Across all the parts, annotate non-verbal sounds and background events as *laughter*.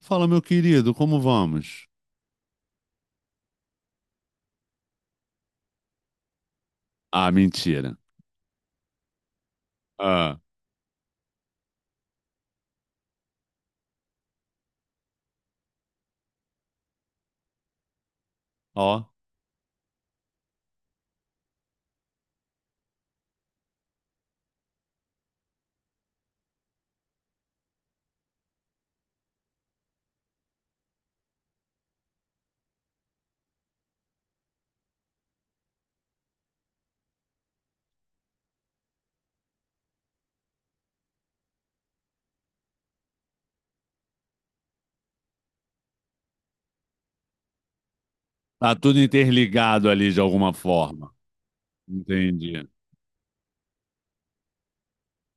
Fala, meu querido, como vamos? Ah, mentira. Ah, ó, tá tudo interligado ali de alguma forma. Entendi.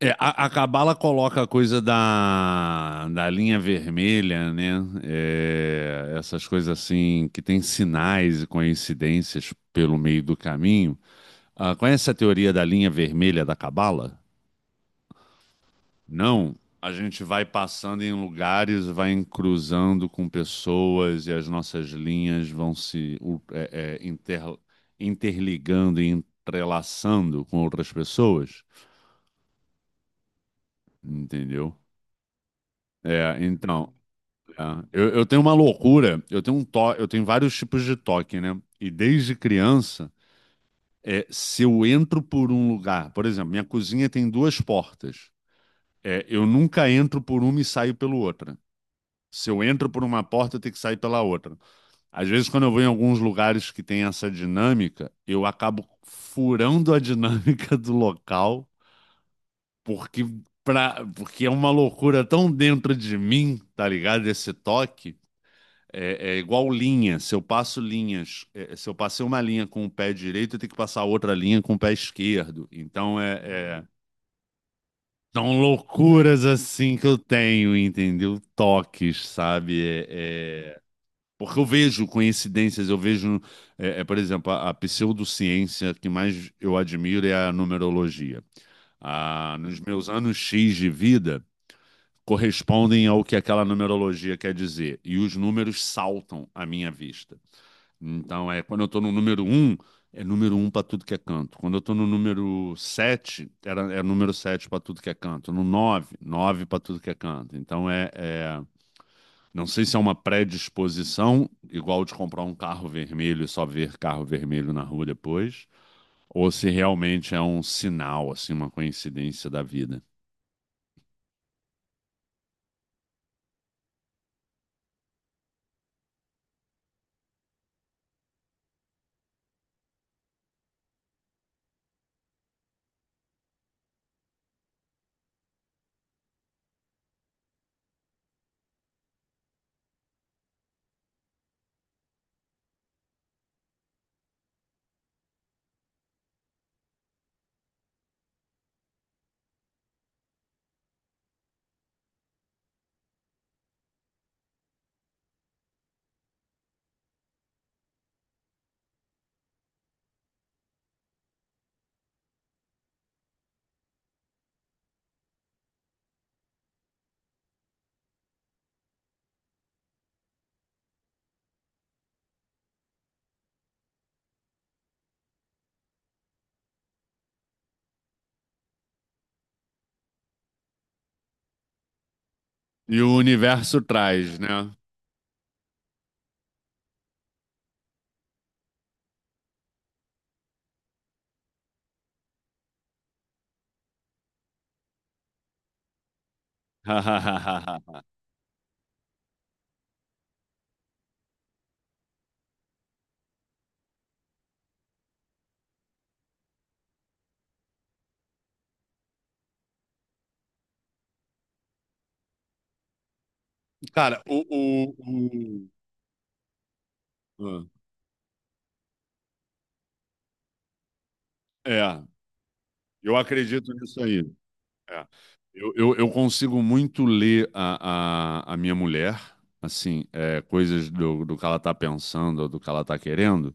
É, a Cabala coloca a coisa da linha vermelha, né? É, essas coisas assim que tem sinais e coincidências pelo meio do caminho. Ah, conhece a teoria da linha vermelha da Cabala? Não, a gente vai passando em lugares, vai cruzando com pessoas e as nossas linhas vão se u- é, é, inter- interligando e entrelaçando com outras pessoas, entendeu? Então, é, eu tenho uma loucura, eu tenho vários tipos de toque, né? E desde criança, se eu entro por um lugar, por exemplo, minha cozinha tem duas portas. É, eu nunca entro por uma e saio pela outra. Se eu entro por uma porta, eu tenho que sair pela outra. Às vezes, quando eu vou em alguns lugares que tem essa dinâmica, eu acabo furando a *laughs* dinâmica do local, porque, porque é uma loucura tão dentro de mim, tá ligado? Esse toque. É, é igual linha. Se eu passo linhas, se eu passei uma linha com o pé direito, eu tenho que passar outra linha com o pé esquerdo. Então, são loucuras assim que eu tenho, entendeu? Toques, sabe? Porque eu vejo coincidências, eu vejo, por exemplo, a pseudociência que mais eu admiro é a numerologia. Ah, nos meus anos X de vida, correspondem ao que aquela numerologia quer dizer. E os números saltam à minha vista. Então, é quando eu estou no número um é número um para tudo que é canto. Quando eu estou no número 7 era, é número 7 para tudo que é canto. No 9 9 para tudo que é canto. Então, não sei se é uma predisposição, igual de comprar um carro vermelho e só ver carro vermelho na rua depois, ou se realmente é um sinal, assim, uma coincidência da vida. E o universo traz, né? *laughs* Cara, o- ah, é, eu acredito nisso aí. É. Eu consigo muito ler a minha mulher, assim, é, coisas do que ela tá pensando ou do que ela tá querendo.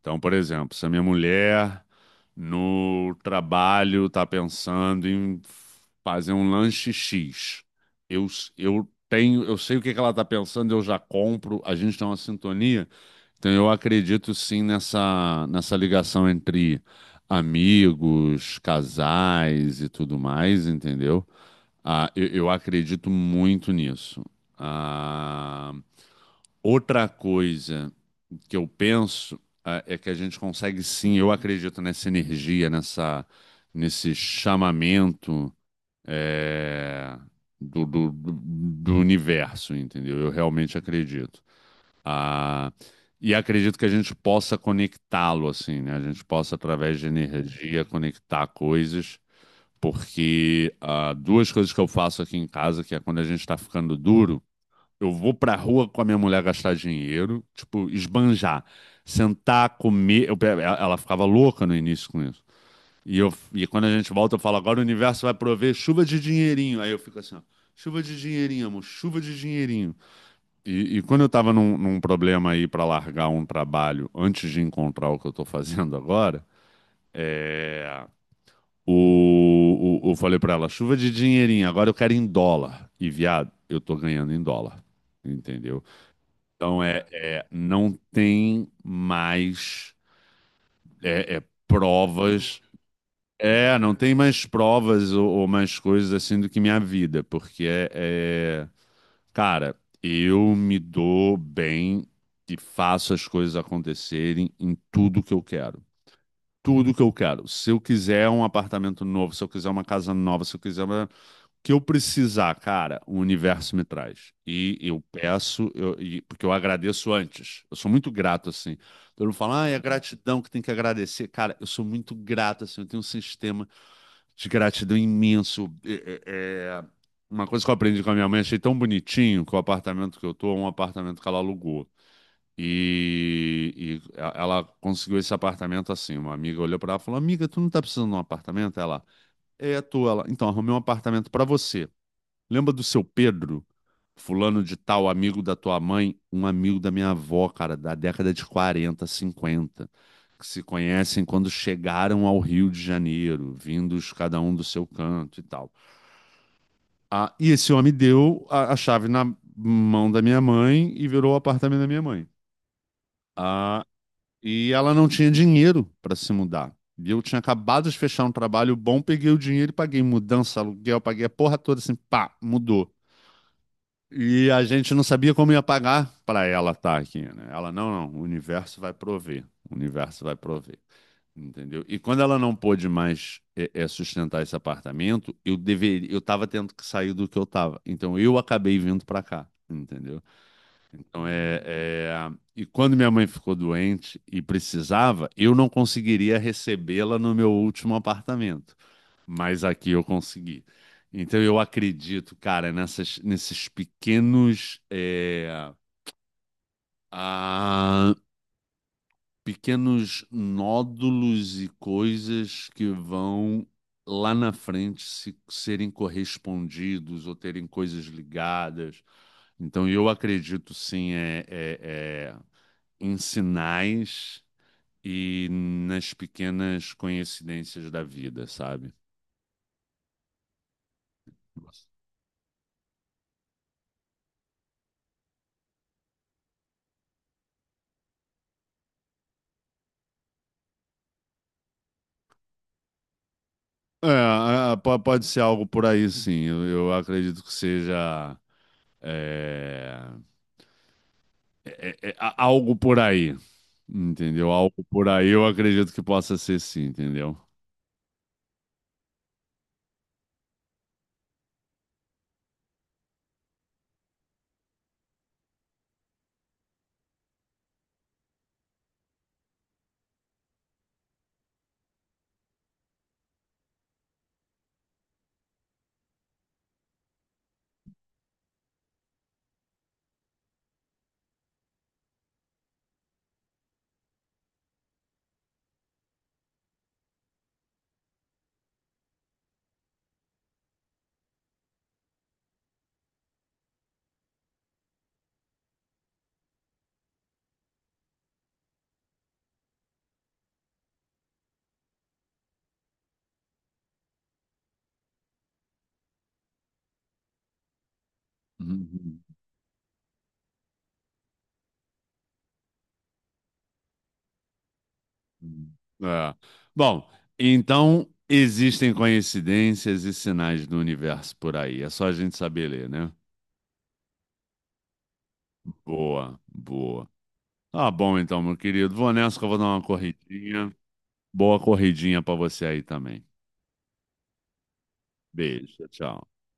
Então, por exemplo, se a minha mulher no trabalho está pensando em fazer um lanche X, eu, eu tenho, eu sei o que que ela está pensando, eu já compro, a gente tem uma sintonia. Então, eu acredito sim nessa, nessa ligação entre amigos, casais e tudo mais, entendeu? Ah, eu acredito muito nisso. Ah, outra coisa que eu penso é que a gente consegue sim, eu acredito nessa energia, nessa, nesse chamamento eh, do, do, do do universo, entendeu? Eu realmente acredito. Ah, e acredito que a gente possa conectá-lo, assim, né? A gente possa, através de energia, conectar coisas, porque duas coisas que eu faço aqui em casa, que é quando a gente está ficando duro. Eu vou pra rua com a minha mulher gastar dinheiro, tipo, esbanjar, sentar, comer. Ela ficava louca no início com isso. E quando a gente volta, eu falo, agora o universo vai prover chuva de dinheirinho. Aí eu fico assim, ó, chuva de dinheirinho, amor, chuva de dinheirinho. E quando eu tava num problema aí pra largar um trabalho antes de encontrar o que eu tô fazendo agora, é, eu falei pra ela, chuva de dinheirinho, agora eu quero em dólar. E, viado, eu tô ganhando em dólar. Entendeu? Então não tem mais provas. É, não tem mais provas ou mais coisas assim do que minha vida, cara, eu me dou bem e faço as coisas acontecerem em tudo que eu quero. Tudo que eu quero. Se eu quiser um apartamento novo, se eu quiser uma casa nova, se eu quiser que eu precisar, cara, o universo me traz. E eu peço, porque eu agradeço antes. Eu sou muito grato, assim. Todo mundo fala, ah, é gratidão que tem que agradecer. Cara, eu sou muito grato, assim. Eu tenho um sistema de gratidão imenso. Uma coisa que eu aprendi com a minha mãe, achei tão bonitinho que o apartamento que eu tô é um apartamento que ela alugou. Ela conseguiu esse apartamento assim. Uma amiga olhou pra ela e falou: Amiga, tu não tá precisando de um apartamento? Ela, é, tô. Ela, então, arrumei um apartamento pra você. Lembra do seu Pedro, fulano de tal, amigo da tua mãe, um amigo da minha avó, cara, da década de 40 50 que se conhecem quando chegaram ao Rio de Janeiro, vindos cada um do seu canto e tal. Ah, e esse homem deu a chave na mão da minha mãe e virou o apartamento da minha mãe. Ah, e ela não tinha dinheiro para se mudar. E eu tinha acabado de fechar um trabalho bom, peguei o dinheiro e paguei mudança, aluguel, paguei a porra toda assim, pá, mudou. E a gente não sabia como ia pagar para ela estar aqui, né? Ela, não, não, o universo vai prover, o universo vai prover, entendeu? E quando ela não pôde mais sustentar esse apartamento, eu deveria, eu estava tendo que sair do que eu estava, então eu acabei vindo para cá, entendeu? Então, e quando minha mãe ficou doente e precisava, eu não conseguiria recebê-la no meu último apartamento mas aqui eu consegui. Então eu acredito, cara, nessas, nesses pequenos, ah, pequenos nódulos e coisas que vão lá na frente se, serem correspondidos ou terem coisas ligadas. Então eu acredito sim em sinais e nas pequenas coincidências da vida, sabe? É, pode ser algo por aí, sim. Eu acredito que seja é, algo por aí, entendeu? Algo por aí, eu acredito que possa ser sim, entendeu? Uhum. É. Bom, então existem coincidências e sinais do universo por aí. É só a gente saber ler, né? Boa, boa. Tá bom então, meu querido. Vou nessa que eu vou dar uma corridinha. Boa corridinha pra você aí também. Beijo, tchau.